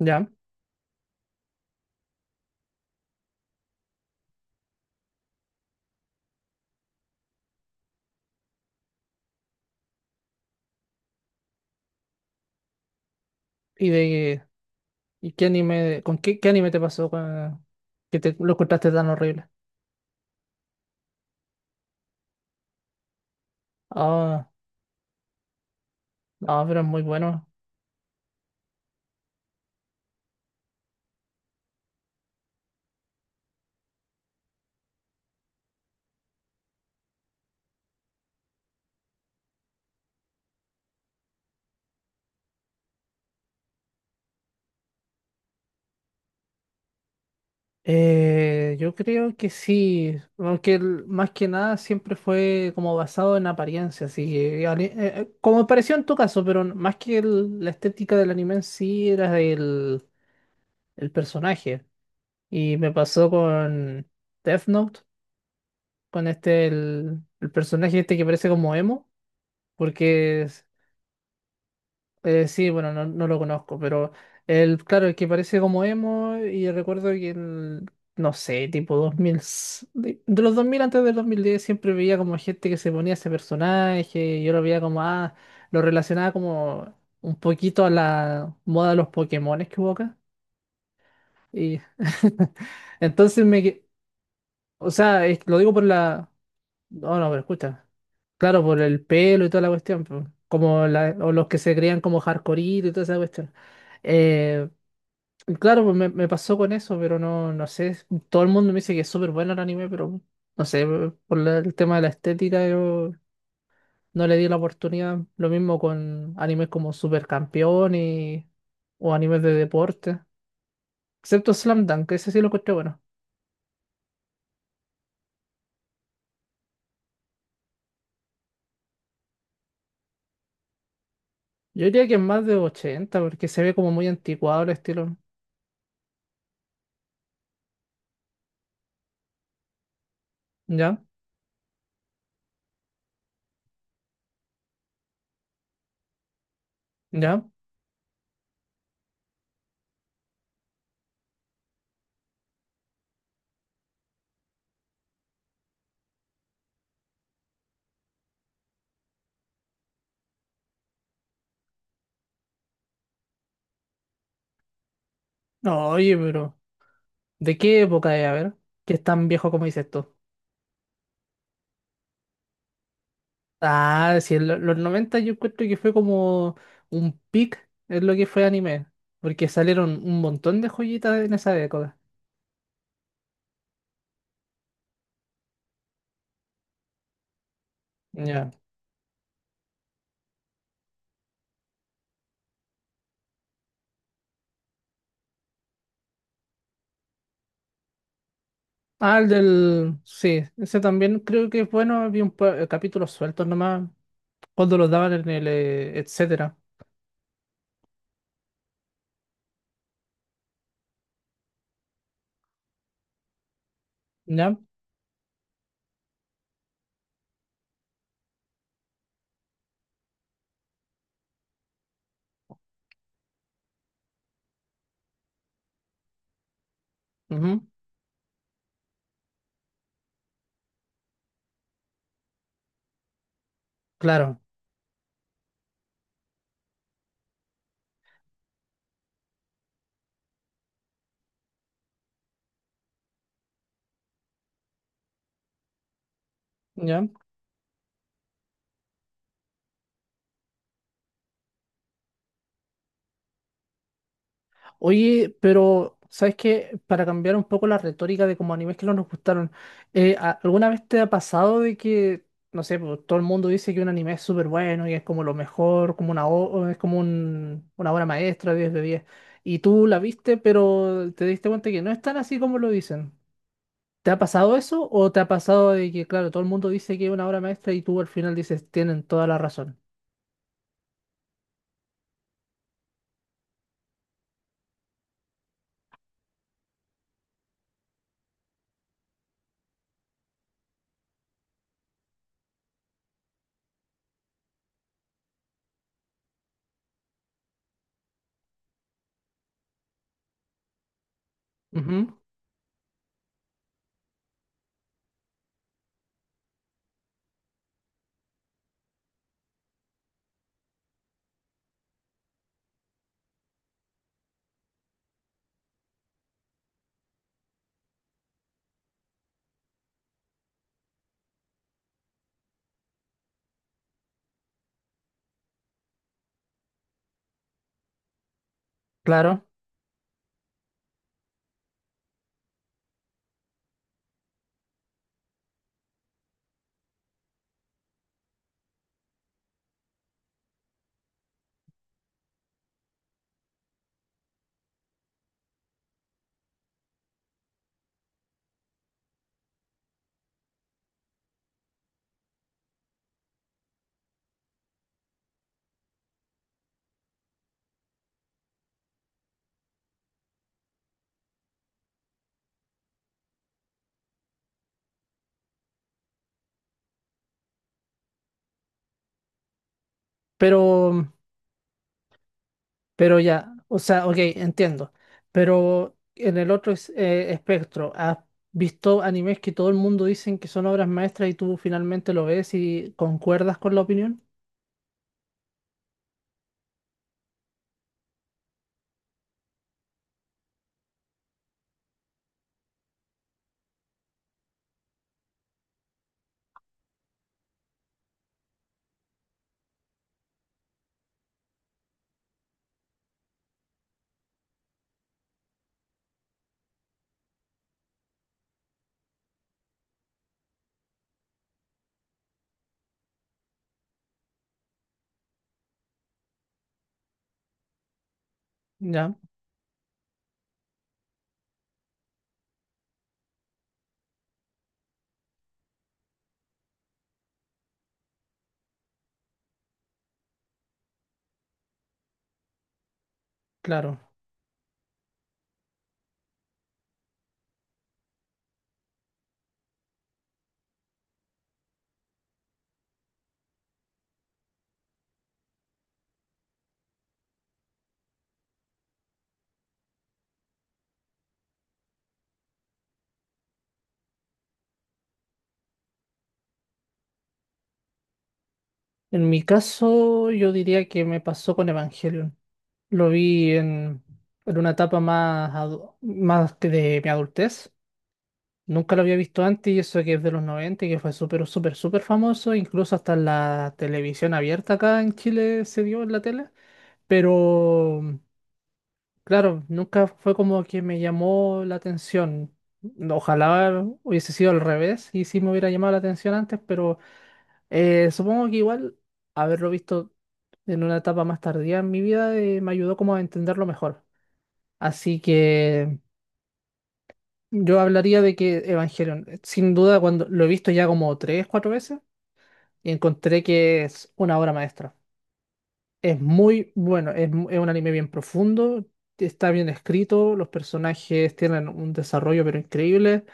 Ya. ¿Y de y qué anime, con qué anime te pasó que te lo encontraste tan horrible? Ah, ah, pero es muy bueno. Yo creo que sí, aunque más que nada siempre fue como basado en apariencia, así que como pareció en tu caso, pero más que la estética del anime en sí era el personaje. Y me pasó con Death Note, con este el personaje este que parece como emo, porque sí, bueno, no, no lo conozco, pero claro, el que parece como emo. Y recuerdo que el, no sé, tipo 2000, de los 2000 antes del 2010 siempre veía como gente que se ponía ese personaje, y yo lo veía como, ah, lo relacionaba como un poquito a la moda de los Pokémones que hubo acá. Y entonces o sea, lo digo por la, no, no, pero escucha. Claro, por el pelo y toda la cuestión, po. Como o los que se creían como hardcore y toda esa cuestión. Eh, y claro, pues me pasó con eso, pero no, no sé. Todo el mundo me dice que es súper bueno el anime, pero no sé, por el tema de la estética yo no le di la oportunidad. Lo mismo con animes como Super Campeón o animes de deporte. Excepto Slam Dunk, ese sí lo encontré bueno. Yo diría que es más de 80 porque se ve como muy anticuado el estilo. ¿Ya? ¿Ya? No, oye, pero... ¿De qué época es? A ver, que es tan viejo como dices tú. Ah, sí, en los 90 yo encuentro que fue como un pic es lo que fue anime, porque salieron un montón de joyitas en esa década. Ya. Ah, el del... Sí, ese también creo que es bueno, había capítulos sueltos nomás, cuando los daban en el... etcétera. ¿Ya? Ujú. Claro. ¿Ya? Oye, pero ¿sabes qué? Para cambiar un poco la retórica de como animes que no nos gustaron, ¿alguna vez te ha pasado de que, no sé, pues, todo el mundo dice que un anime es súper bueno y es como lo mejor, como es como una obra maestra, 10 de 10, y tú la viste, pero te diste cuenta que no es tan así como lo dicen? ¿Te ha pasado eso o te ha pasado de que, claro, todo el mundo dice que es una obra maestra y tú al final dices, tienen toda la razón? Ujú, claro, pero... Pero ya, o sea, ok, entiendo. Pero en el otro espectro, ¿has visto animes que todo el mundo dicen que son obras maestras y tú finalmente lo ves y concuerdas con la opinión? Ya, claro. En mi caso, yo diría que me pasó con Evangelion. Lo vi en, una etapa más que de mi adultez. Nunca lo había visto antes y eso que es de los 90 y que fue súper, súper, súper famoso. Incluso hasta en la televisión abierta acá en Chile se dio en la tele. Pero, claro, nunca fue como que me llamó la atención. Ojalá hubiese sido al revés y sí me hubiera llamado la atención antes, pero supongo que igual haberlo visto en una etapa más tardía en mi vida me ayudó como a entenderlo mejor. Así que yo hablaría de que Evangelion, sin duda, cuando lo he visto ya como tres, cuatro veces, encontré que es una obra maestra. Es muy bueno, es un anime bien profundo, está bien escrito, los personajes tienen un desarrollo pero increíble,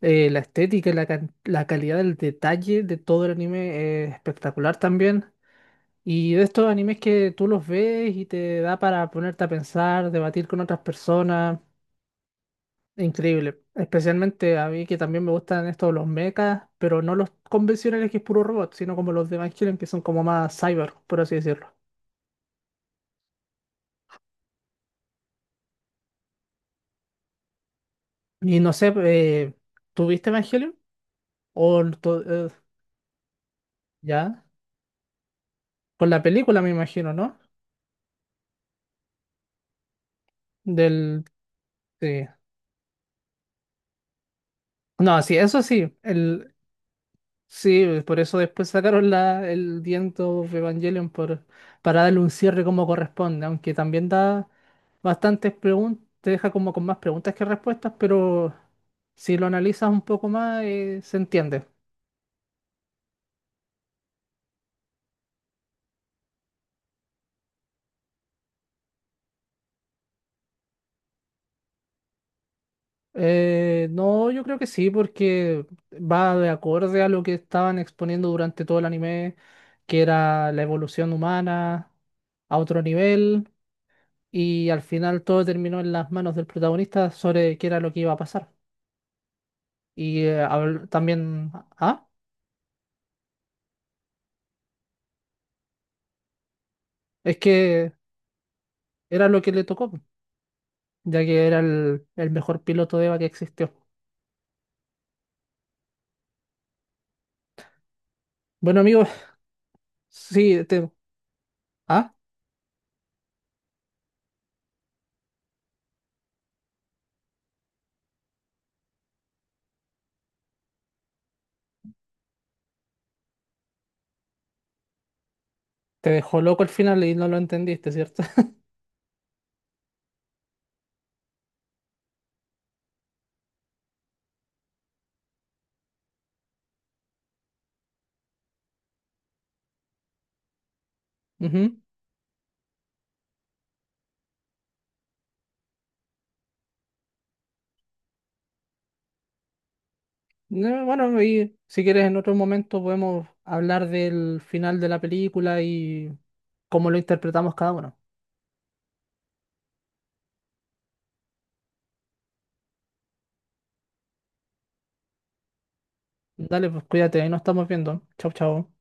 la estética y la calidad del detalle de todo el anime es espectacular también. Y de estos animes que tú los ves y te da para ponerte a pensar, debatir con otras personas, increíble. Especialmente a mí que también me gustan estos los mechas, pero no los convencionales que es puro robot, sino como los de Evangelion que son como más cyber, por así decirlo. Y no sé, ¿tuviste Evangelion? O no, ya, con la película me imagino, ¿no? Del sí. No, sí, eso sí, el sí, por eso después sacaron el The End of Evangelion, para darle un cierre como corresponde, aunque también da bastantes preguntas, te deja como con más preguntas que respuestas, pero si lo analizas un poco más, se entiende. No, yo creo que sí, porque va de acorde a lo que estaban exponiendo durante todo el anime, que era la evolución humana a otro nivel, y al final todo terminó en las manos del protagonista sobre qué era lo que iba a pasar. Y también, ah, es que era lo que le tocó, ya que era el mejor piloto de EVA que existió. Bueno, amigos, sí, ah, te dejó loco al final y no lo entendiste, ¿cierto? Ujú. No, bueno, y si quieres en otro momento podemos hablar del final de la película y cómo lo interpretamos cada uno. Dale, pues cuídate, ahí nos estamos viendo. Chau, chau.